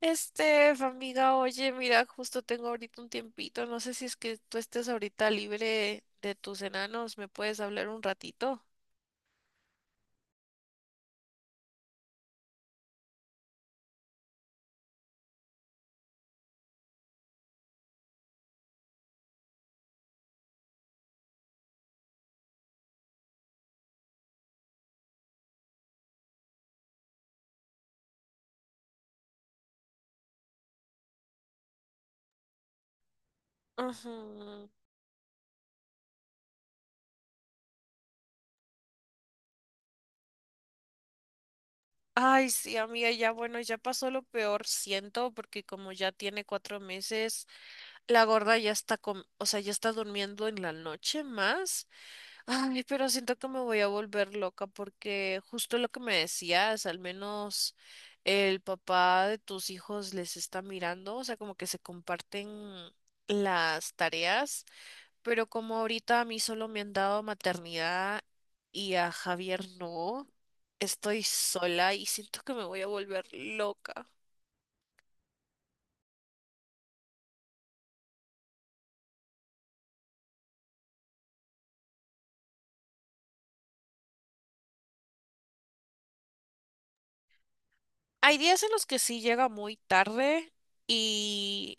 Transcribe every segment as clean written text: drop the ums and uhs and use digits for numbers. Amiga, oye, mira, justo tengo ahorita un tiempito, no sé si es que tú estés ahorita libre de tus enanos, ¿me puedes hablar un ratito? Ujú. Ay, sí, amiga, ya bueno, ya pasó lo peor, siento, porque como ya tiene 4 meses, la gorda ya está o sea, ya está durmiendo en la noche más. Ay, pero siento que me voy a volver loca porque justo lo que me decías, al menos el papá de tus hijos les está mirando, o sea, como que se comparten las tareas, pero como ahorita a mí solo me han dado maternidad y a Javier no, estoy sola y siento que me voy a volver loca. Hay días en los que sí llega muy tarde y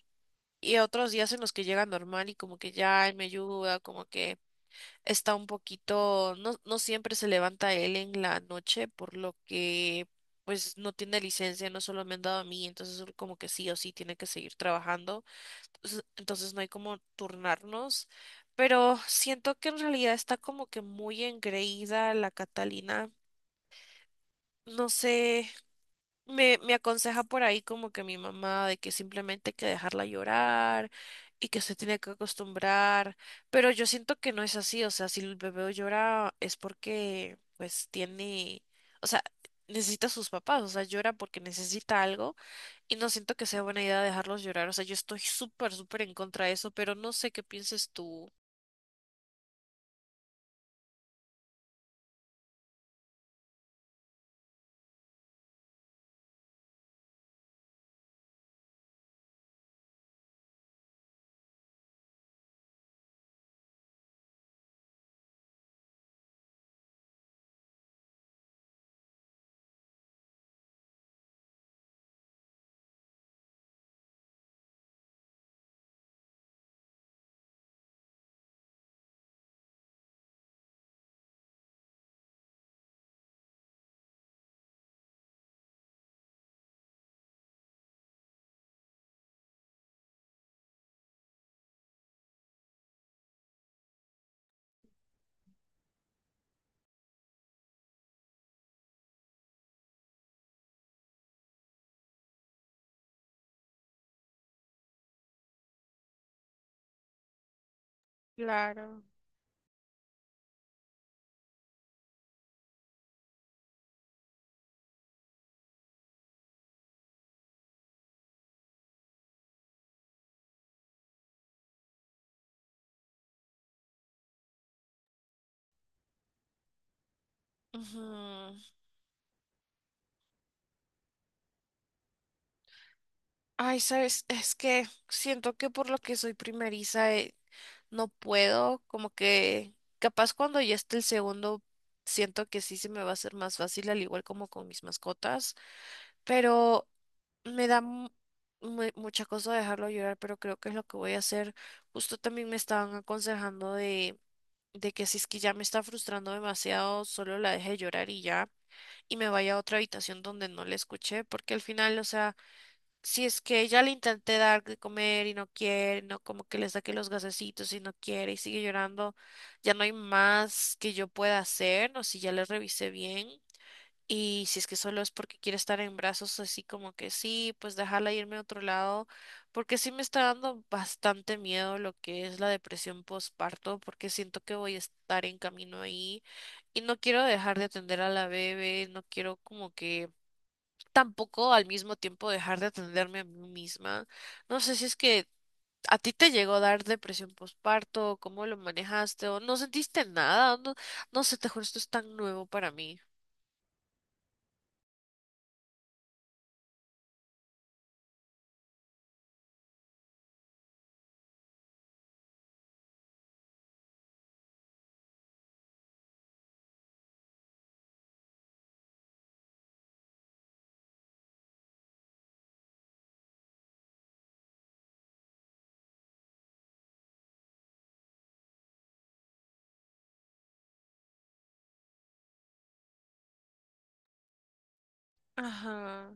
Y otros días en los que llega normal y como que ya "Ay, me ayuda", como que está un poquito, no siempre se levanta él en la noche, por lo que pues no tiene licencia, no solo me han dado a mí, entonces él como que sí o sí tiene que seguir trabajando. Entonces no hay como turnarnos, pero siento que en realidad está como que muy engreída la Catalina. No sé. Me aconseja por ahí como que mi mamá de que simplemente hay que dejarla llorar y que se tiene que acostumbrar, pero yo siento que no es así, o sea, si el bebé llora es porque pues tiene, o sea, necesita a sus papás, o sea, llora porque necesita algo y no siento que sea buena idea dejarlos llorar, o sea, yo estoy súper, súper en contra de eso, pero no sé qué pienses tú. Claro. Ujú. Ay, sabes, es que siento que por lo que soy primeriza. No puedo, como que capaz cuando ya esté el segundo, siento que sí se me va a hacer más fácil, al igual como con mis mascotas, pero me da mucha cosa dejarlo llorar, pero creo que es lo que voy a hacer. Justo también me estaban aconsejando de que si es que ya me está frustrando demasiado, solo la deje llorar y ya, y me vaya a otra habitación donde no le escuché, porque al final, o sea... Si es que ya le intenté dar de comer y no quiere, no como que le saqué los gasecitos y no quiere y sigue llorando, ya no hay más que yo pueda hacer, no si ya le revisé bien y si es que solo es porque quiere estar en brazos así como que sí, pues déjala irme a otro lado, porque sí me está dando bastante miedo lo que es la depresión postparto, porque siento que voy a estar en camino ahí y no quiero dejar de atender a la bebé, no quiero como que tampoco al mismo tiempo dejar de atenderme a mí misma. No sé si es que a ti te llegó a dar depresión postparto, cómo lo manejaste, o no sentiste nada, no, no sé, te juro, esto es tan nuevo para mí. Ajá.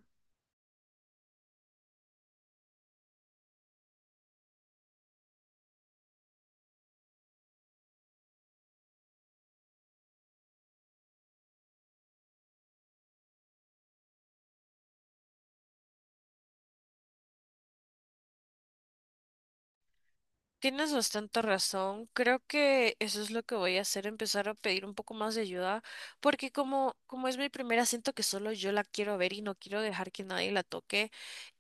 Tienes bastante razón. Creo que eso es lo que voy a hacer, empezar a pedir un poco más de ayuda, porque como, como es mi primera, siento que solo yo la quiero ver y no quiero dejar que nadie la toque.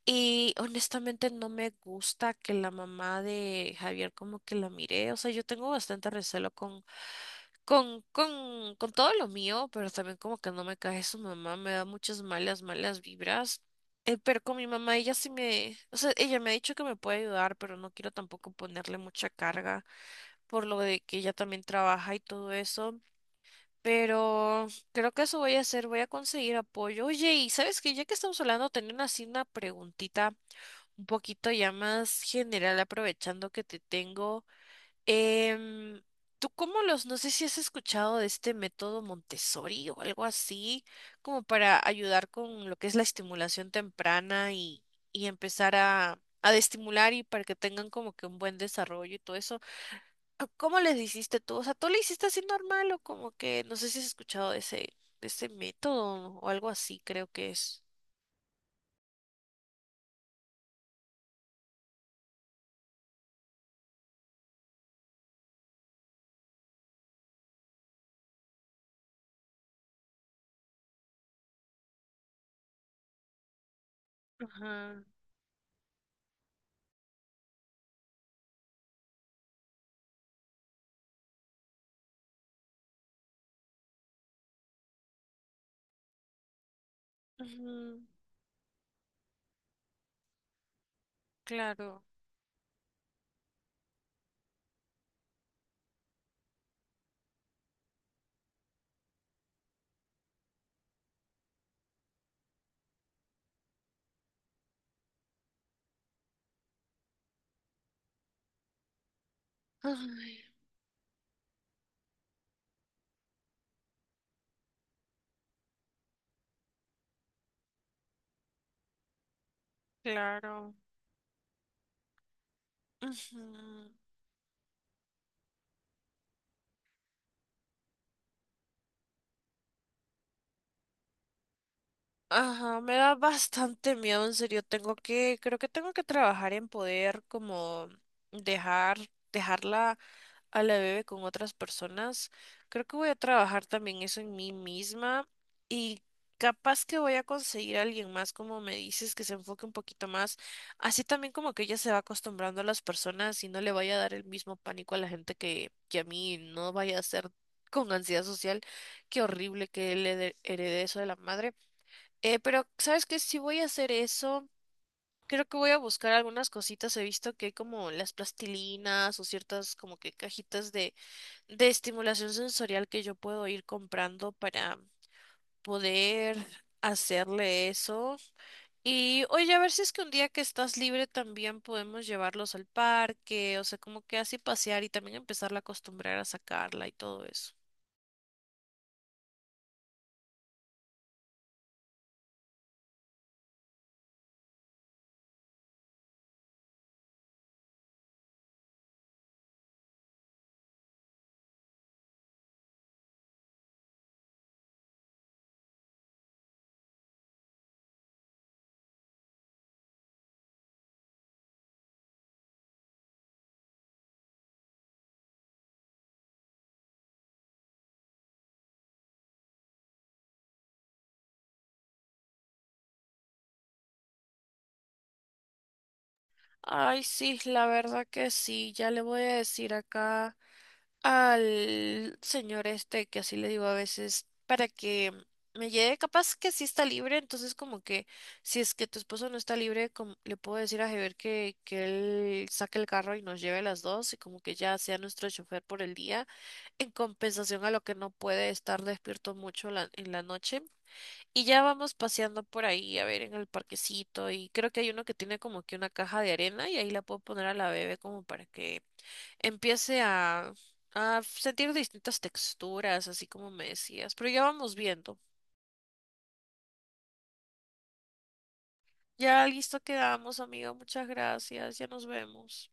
Y honestamente no me gusta que la mamá de Javier como que la mire. O sea, yo tengo bastante recelo con, con todo lo mío, pero también como que no me cae su mamá, me da muchas malas, malas vibras. Pero con mi mamá, ella sí me, o sea, ella me ha dicho que me puede ayudar, pero no quiero tampoco ponerle mucha carga por lo de que ella también trabaja y todo eso. Pero creo que eso voy a hacer, voy a conseguir apoyo. Oye, y sabes que ya que estamos hablando, tenía una- así una preguntita un poquito ya más general, aprovechando que te tengo. em, ¿Tú cómo los, no sé si has escuchado de este método Montessori o algo así, como para ayudar con lo que es la estimulación temprana y empezar a estimular y para que tengan como que un buen desarrollo y todo eso? ¿Ah, ¿cómo les hiciste tú? O sea, ¿tú le hiciste así normal o como que, no sé si has escuchado de ese método o algo así, creo que es. Ajá, ujú, claro. Ay. Claro. Ujú. Ajá, me da bastante miedo, en serio. Tengo que, creo que tengo que trabajar en poder como dejar, dejarla. A la bebé con otras personas, creo que voy a trabajar también eso en mí misma y capaz que voy a conseguir a alguien más, como me dices, que se enfoque un poquito más, así también como que ella se va acostumbrando a las personas y no le vaya a dar el mismo pánico a la gente que a mí no vaya a ser con ansiedad social, qué horrible que le de- herede eso de la madre. Pero, ¿sabes qué? Si voy a hacer eso... Creo que voy a buscar algunas cositas. He visto que hay como las plastilinas o ciertas como que cajitas de estimulación sensorial que yo puedo ir comprando para poder hacerle eso. Y oye, a ver si es que un día que estás libre también podemos llevarlos al parque, o sea, como que así pasear y también empezarla a acostumbrar a sacarla y todo eso. Ay, sí, la verdad que sí, ya le voy a decir acá. Al señor este, que así le digo a veces, para que me lleve, capaz que sí está libre, entonces como que si es que tu esposo no está libre, como- le puedo decir a Javier que él saque el carro y nos lleve a las dos y como que ya sea nuestro chofer por el día, en compensación a lo que no puede estar despierto mucho la- en la noche. Y ya vamos paseando por ahí, a ver, en el parquecito y creo que hay uno que tiene como que una caja de arena y ahí la puedo poner a la bebé como para que empiece a sentir distintas texturas, así como me decías. Pero ya vamos viendo. Ya listo quedamos, amigo. Muchas gracias. Ya nos vemos.